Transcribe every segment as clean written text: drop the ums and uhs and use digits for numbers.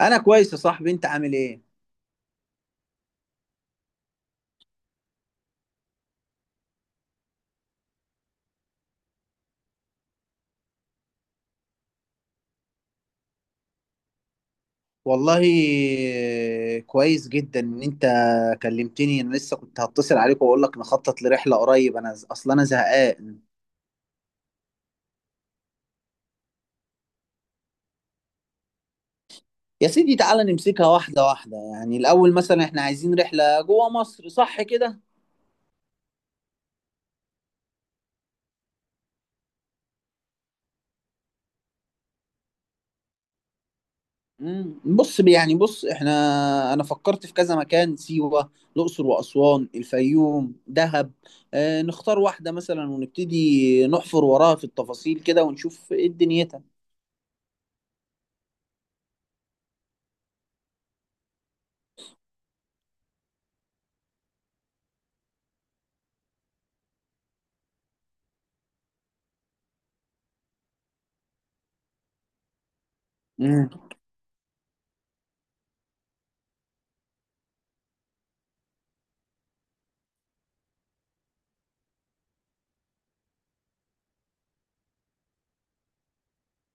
انا كويس يا صاحبي، انت عامل ايه؟ والله كويس جدا ان انت كلمتني، انا لسه كنت هتصل عليك واقول لك نخطط لرحله قريب، اصلا انا زهقان. يا سيدي، تعالى نمسكها واحده واحده، يعني الاول مثلا احنا عايزين رحله جوه مصر، صح كده؟ بص يعني بص احنا، انا فكرت في كذا مكان: سيوه، الاقصر واسوان، الفيوم، دهب. اه، نختار واحده مثلا ونبتدي نحفر وراها في التفاصيل كده ونشوف ايه دنيتها.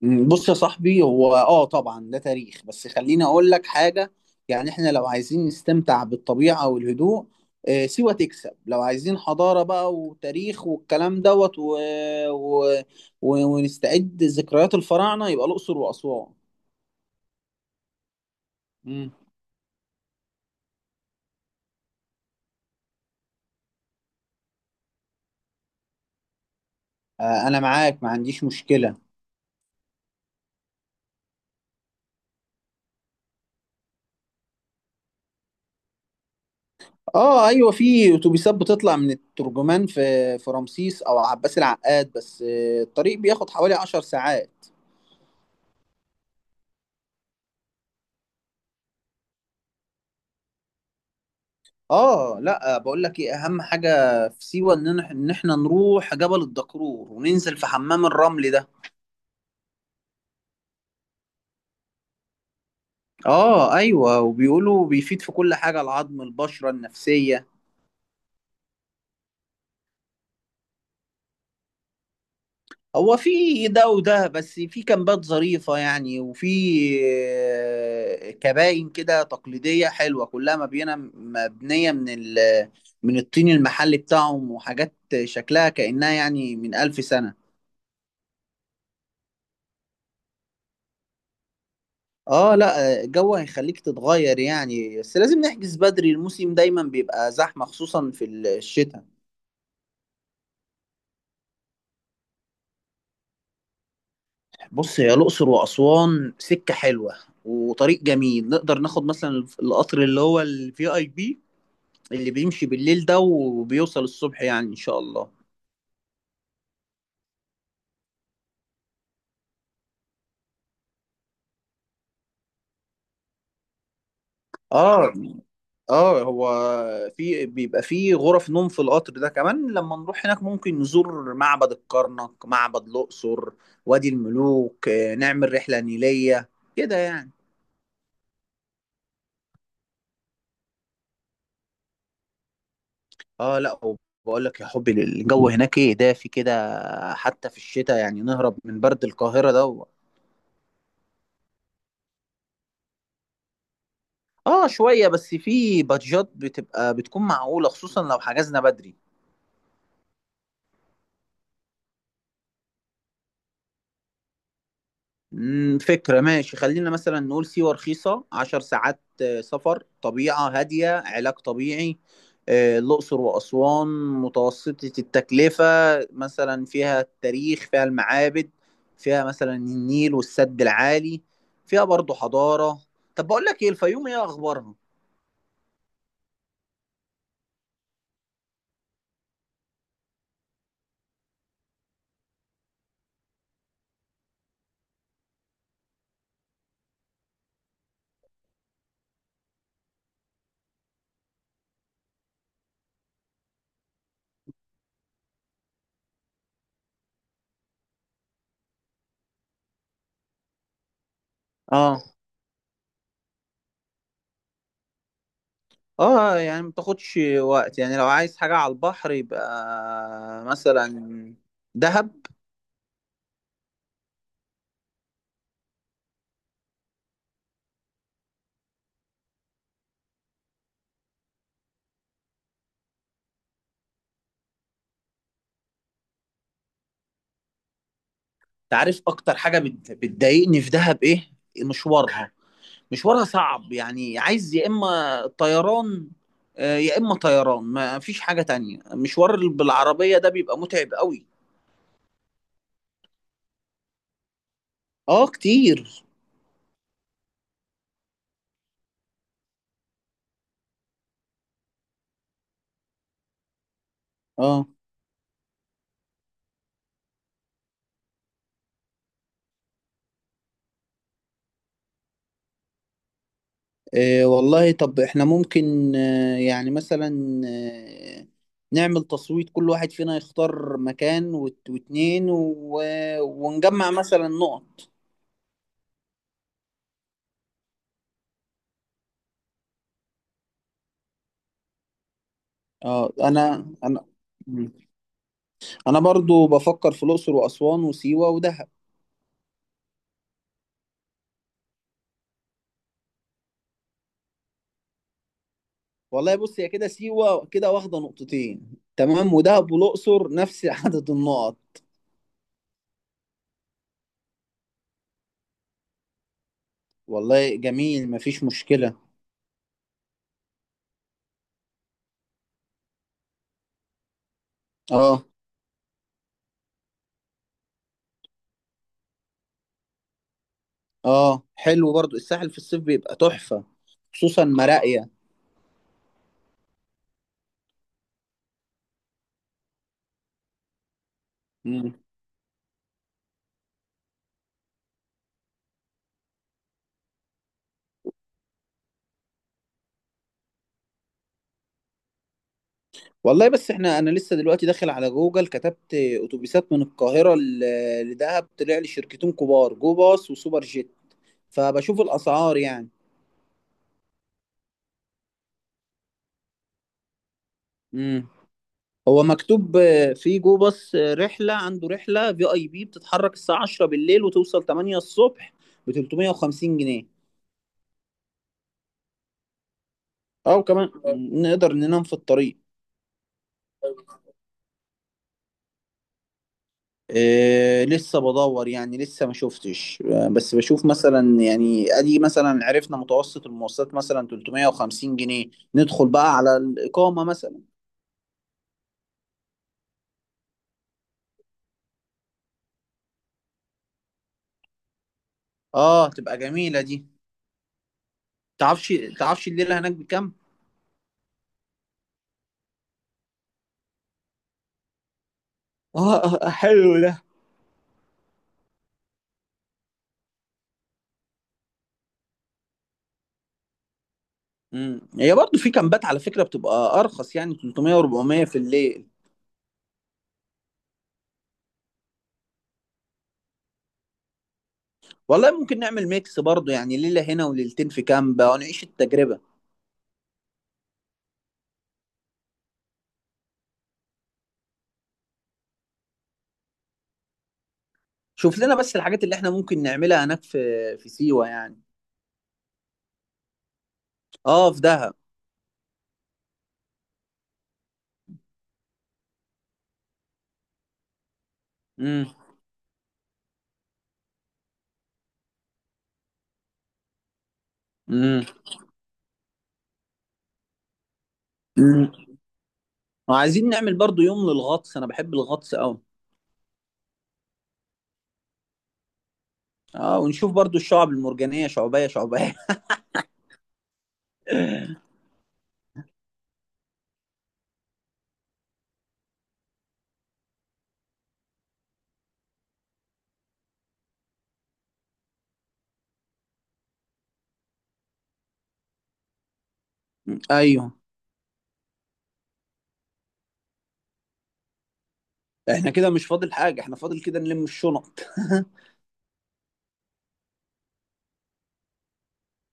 بص يا صاحبي، هو طبعا ده تاريخ، بس خليني اقول لك حاجه. يعني احنا لو عايزين نستمتع بالطبيعه والهدوء، آه، سيوه تكسب. لو عايزين حضاره بقى وتاريخ والكلام دوت و... ونستعد ذكريات الفراعنه يبقى الاقصر واسوان. مم. آه، انا معاك، ما عنديش مشكله. اه ايوه، في اتوبيسات بتطلع من الترجمان في رمسيس او عباس العقاد، بس الطريق بياخد حوالي 10 ساعات. اه لا، بقول لك ايه، اهم حاجه في سيوه ان احنا نروح جبل الدكرور وننزل في حمام الرمل ده. اه ايوه، وبيقولوا بيفيد في كل حاجه: العظم، البشره، النفسيه. هو في ده وده، بس في كامبات ظريفه يعني، وفي كباين كده تقليديه حلوه، كلها مبنيه من الطين المحلي بتاعهم وحاجات شكلها كأنها يعني من 1000 سنة. اه لا، الجو هيخليك تتغير يعني، بس لازم نحجز بدري، الموسم دايما بيبقى زحمة خصوصا في الشتاء. بص، هي الأقصر وأسوان سكة حلوة وطريق جميل، نقدر ناخد مثلا القطر اللي هو الفي اي بي، اللي بيمشي بالليل ده وبيوصل الصبح يعني إن شاء الله. اه اه، هو في بيبقى في غرف نوم في القطر ده كمان. لما نروح هناك ممكن نزور معبد الكرنك، معبد الأقصر، وادي الملوك، نعمل رحلة نيلية كده يعني. اه لا، وبقول لك يا حبي، الجو هناك ايه، دافي كده حتى في الشتاء يعني، نهرب من برد القاهرة ده. اه، شوية بس، في بادجات بتبقى بتكون معقولة خصوصا لو حجزنا بدري. فكرة، ماشي، خلينا مثلا نقول سيوة: رخيصة، 10 ساعات سفر، طبيعة هادية، علاج طبيعي. الأقصر وأسوان متوسطة التكلفة مثلا، فيها التاريخ، فيها المعابد، فيها مثلا النيل والسد العالي، فيها برضو حضارة. طب بقول لك ايه، الفيوم ايه اخبارها؟ اه اه، يعني ما تاخدش وقت يعني، لو عايز حاجة على البحر يبقى مثلا دهب. تعرف اكتر حاجه بتضايقني في دهب ايه؟ مشوارها. مشوارها صعب يعني، عايز يا اما طيران، يا اما طيران، ما فيش حاجه تانية، مشوار بالعربيه ده بيبقى متعب قوي. اه كتير. اه إيه والله، طب احنا ممكن يعني مثلا نعمل تصويت، كل واحد فينا يختار مكان واتنين ونجمع مثلا نقط. اه، انا برضو بفكر في الاقصر واسوان وسيوه ودهب. والله، بص، هي كده سيوه كده واخده نقطتين، تمام، ودهب والاقصر نفس عدد النقط. والله جميل، مفيش مشكله. اه اه، حلو برضو الساحل في الصيف بيبقى تحفه، خصوصا مراقيه. مم. والله، بس احنا، انا لسه دلوقتي داخل على جوجل، كتبت اتوبيسات من القاهره لدهب، طلع لي شركتين كبار: جو باص وسوبر جيت، فبشوف الاسعار يعني. مم. هو مكتوب في جو باص رحله، عنده رحله في اي بي، بتتحرك الساعه 10 بالليل وتوصل 8 الصبح ب 350 جنيه، او كمان نقدر ننام في الطريق. إيه، لسه بدور يعني، لسه ما شفتش بس بشوف مثلا يعني ادي، مثلا عرفنا متوسط المواصلات مثلا 350 جنيه، ندخل بقى على الاقامه مثلا. اه، تبقى جميله دي. تعرفش تعرفش الليله هناك بكام؟ اه حلو. هي برضه في كامبات على فكرة بتبقى ارخص، يعني 300 و400 في الليل. والله ممكن نعمل ميكس برضه، يعني ليلة هنا وليلتين في كامب ونعيش التجربة. شوف لنا بس الحاجات اللي احنا ممكن نعملها هناك في سيوة يعني. اه، في دهب. امم. امم. امم. وعايزين نعمل برضه يوم للغطس، انا بحب الغطس قوي. اه، ونشوف برضه الشعب المرجانية، شعبية شعبية. ايوه، احنا كده مش فاضل حاجة، احنا فاضل كده نلم الشنط.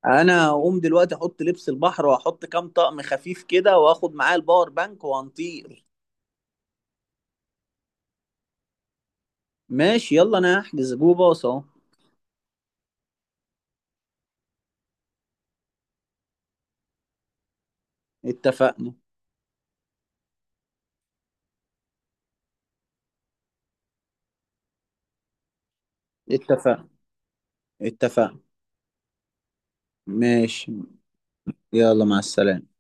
انا اقوم دلوقتي احط لبس البحر واحط كام طقم خفيف كده، واخد معايا الباور بانك وهنطير. ماشي، يلا انا هحجز جو باص اهو. اتفقنا. اتفقنا. اتفقنا. ماشي، يلا، مع السلامة.